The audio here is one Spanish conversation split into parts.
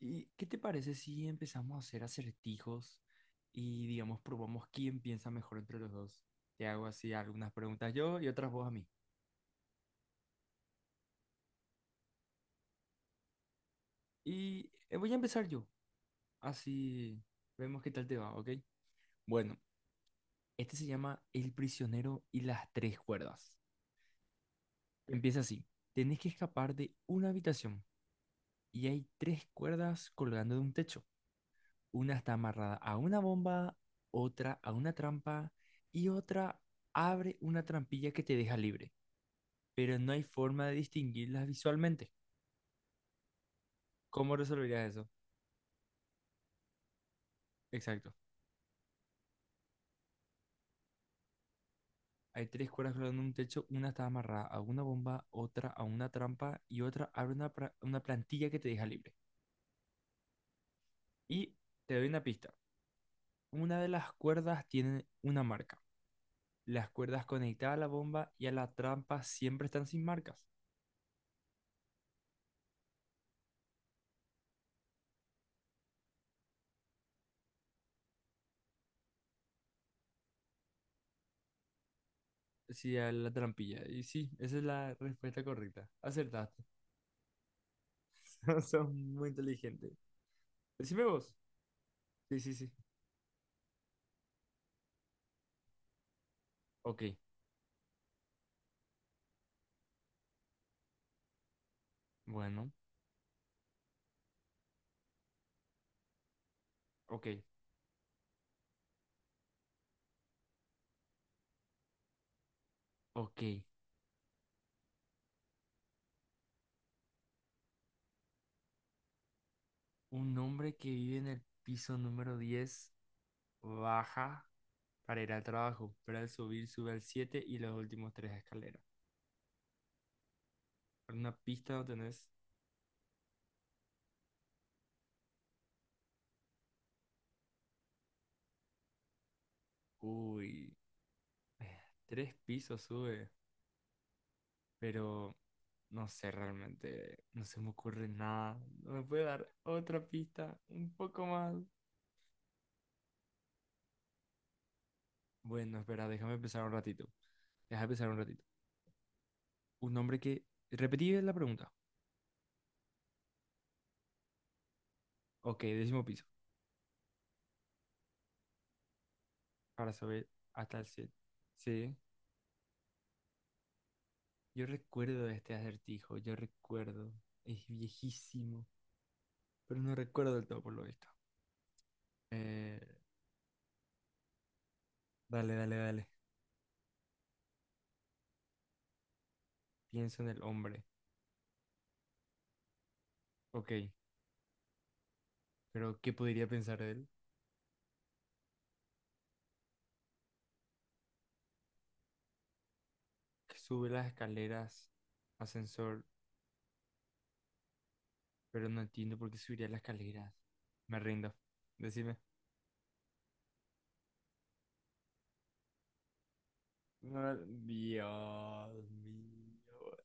¿Y qué te parece si empezamos a hacer acertijos y, digamos, probamos quién piensa mejor entre los dos? Te hago así algunas preguntas yo y otras vos a mí. Y voy a empezar yo, así vemos qué tal te va, ¿ok? Bueno, este se llama El prisionero y las tres cuerdas. Empieza así. Tenés que escapar de una habitación y hay tres cuerdas colgando de un techo. Una está amarrada a una bomba, otra a una trampa y otra abre una trampilla que te deja libre. Pero no hay forma de distinguirlas visualmente. ¿Cómo resolverías eso? Exacto. Hay tres cuerdas colgando en un techo, una está amarrada a una bomba, otra a una trampa y otra abre una, una plantilla que te deja libre. Y te doy una pista. Una de las cuerdas tiene una marca. Las cuerdas conectadas a la bomba y a la trampa siempre están sin marcas. Sí, a la trampilla. Y sí, esa es la respuesta correcta. Acertaste. Son muy inteligentes. Decime vos. Sí, sí, sí. Ok, bueno, ok, ok. Un hombre que vive en el piso número 10 baja para ir al trabajo, pero al subir sube al 7 y los últimos tres escaleras. Una pista no tenés... Uy, eh, tres pisos sube, pero no sé realmente, no se me ocurre nada. ¿No me puede dar otra pista un poco más? Bueno, espera, déjame pensar un ratito. Déjame pensar un ratito. Un hombre que... Repetí la pregunta. Ok, décimo piso, para subir hasta el siete. Sí. Yo recuerdo este acertijo, yo recuerdo. Es viejísimo, pero no recuerdo del todo por lo visto. Eh, dale, dale, dale. Pienso en el hombre. Ok, pero ¿qué podría pensar de él? Que sube las escaleras, ascensor, pero no entiendo por qué subiría las escaleras. Me rindo. Decime. No, Dios mío.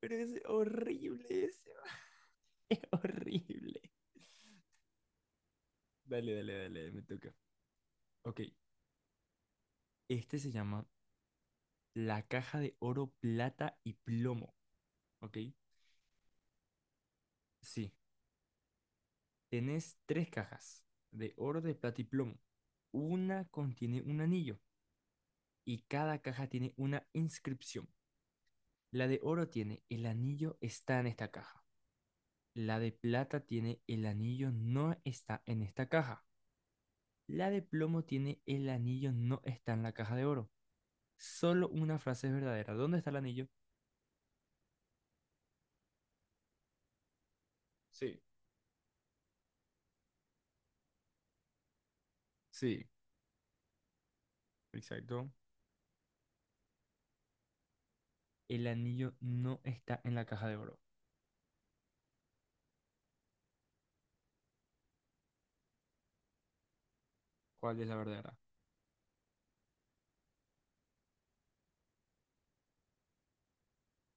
Pero es horrible ese. Es horrible. Dale, dale, dale, me toca. Ok, este se llama la caja de oro, plata y plomo, ¿ok? Sí, tenés tres cajas de oro, de plata y plomo. Una contiene un anillo y cada caja tiene una inscripción. La de oro tiene el anillo está en esta caja. La de plata tiene el anillo no está en esta caja. La de plomo tiene el anillo no está en la caja de oro. Solo una frase es verdadera. ¿Dónde está el anillo? Sí. Sí, exacto. El anillo no está en la caja de oro. ¿Cuál es la verdadera?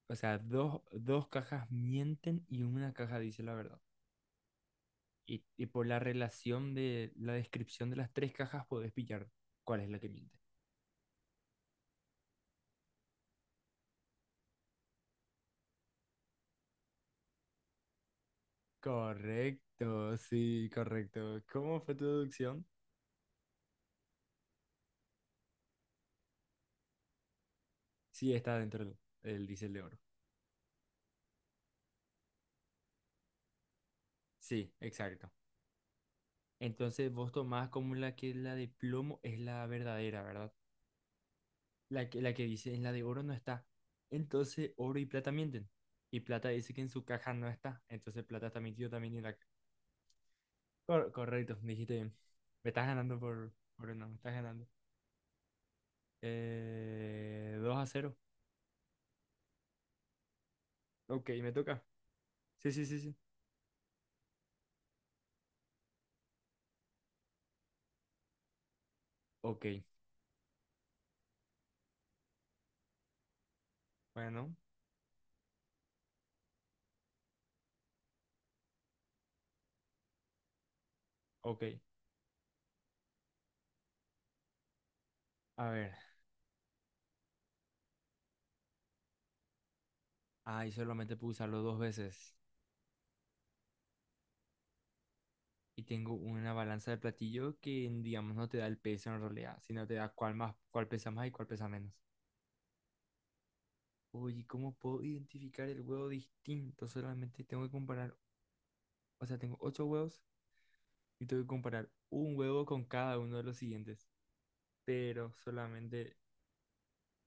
O sea, dos, dos cajas mienten y una caja dice la verdad. Y por la relación de la descripción de las tres cajas podés pillar cuál es la que miente. Correcto, sí, correcto. ¿Cómo fue tu deducción? Sí, está dentro del diésel de oro. Sí, exacto. Entonces vos tomás como la que la de plomo es la verdadera, ¿verdad? La que dice en la de oro no está. Entonces oro y plata mienten. Y plata dice que en su caja no está. Entonces plata está mintiendo también en la... Correcto, dijiste bien. Me estás ganando por una, me estás ganando. 2 a cero. Ok, me toca. Sí, sí, sí, sí. Ok, bueno, ok. A ver, ahí solamente puedo usarlo dos veces. Y tengo una balanza de platillo que, digamos, no te da el peso en realidad, sino te da cuál más, cuál pesa más y cuál pesa menos. Oye, ¿cómo puedo identificar el huevo distinto? Solamente tengo que comparar, o sea, tengo ocho huevos y tengo que comparar un huevo con cada uno de los siguientes pero solamente...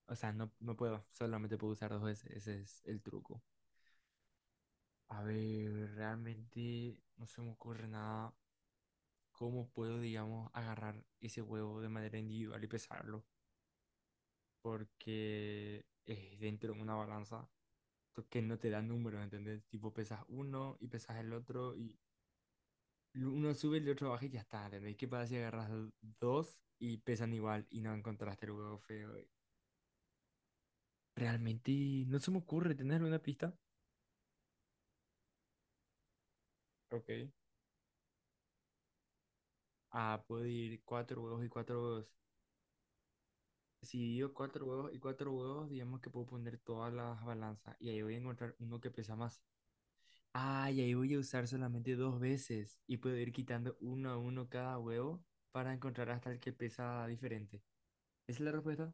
O sea, no, no puedo, solamente puedo usar dos veces, ese es el truco. A ver, realmente no se me ocurre nada. ¿Cómo puedo, digamos, agarrar ese huevo de manera individual y pesarlo? Porque es dentro de una balanza que no te da números, ¿entendés? Tipo, pesas uno y pesas el otro y uno sube, el otro baja y ya está, ¿entendés? ¿Qué pasa si agarras dos y pesan igual y no encontraste el huevo feo? Realmente no se me ocurre tener una pista. Ok. Ah, puedo ir cuatro huevos y cuatro huevos. Si digo cuatro huevos y cuatro huevos, digamos que puedo poner todas las balanzas y ahí voy a encontrar uno que pesa más. Ah, y ahí voy a usar solamente dos veces y puedo ir quitando uno a uno cada huevo para encontrar hasta el que pesa diferente. ¿Esa es la respuesta?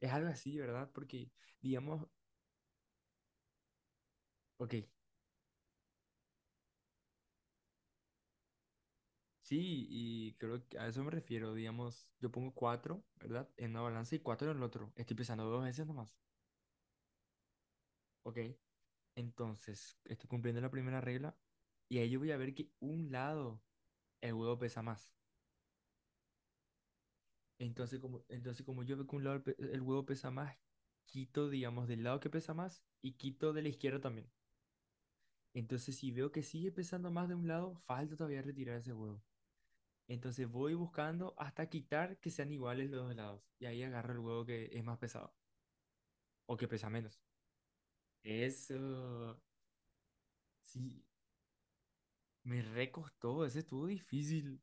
Es algo así, ¿verdad? Porque, digamos, ok, sí, y creo que a eso me refiero. Digamos, yo pongo cuatro, ¿verdad? En una balanza y cuatro en el otro. Estoy pesando dos veces nomás. Ok. Entonces, estoy cumpliendo la primera regla y ahí yo voy a ver que un lado el huevo pesa más. Entonces, como yo veo que un lado el, el huevo pesa más, quito, digamos, del lado que pesa más y quito de la izquierda también. Entonces, si veo que sigue pesando más de un lado, falta todavía retirar ese huevo. Entonces voy buscando hasta quitar que sean iguales los dos lados. Y ahí agarro el huevo que es más pesado o que pesa menos. Eso, sí, me recostó, ese estuvo difícil.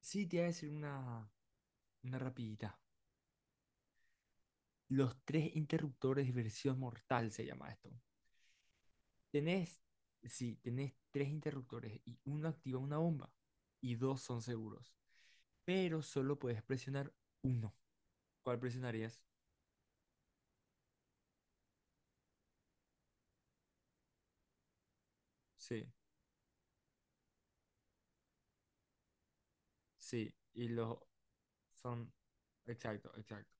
Sí, te iba a decir una rapidita. Los tres interruptores de versión mortal se llama esto. Tenés, sí, tenés tres interruptores y uno activa una bomba y dos son seguros. Pero solo puedes presionar uno. ¿Cuál presionarías? Sí, sí. Y los son... Exacto, exacto.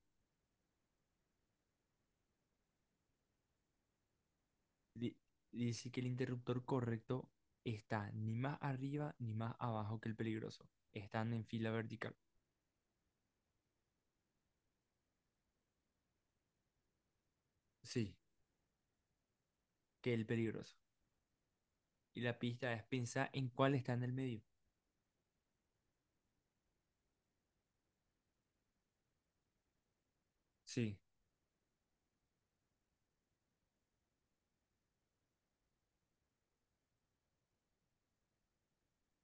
Di- dice que el interruptor correcto está ni más arriba ni más abajo que el peligroso. Están en fila vertical. Sí, que el peligroso. Y la pista es pensar en cuál está en el medio. Sí.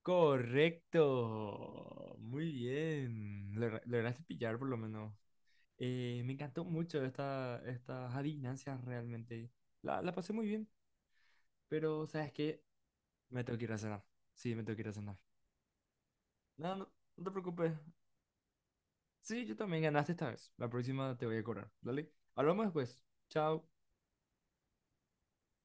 Correcto. Muy bien. Lograste pillar por lo menos. Me encantó mucho estas adivinanzas realmente. La pasé muy bien, pero ¿sabes qué? Me tengo que ir a cenar. Sí, me tengo que ir a cenar. No, no, no te preocupes. Sí, yo también ganaste esta vez. La próxima te voy a cobrar. Dale. Hablamos después. Chao.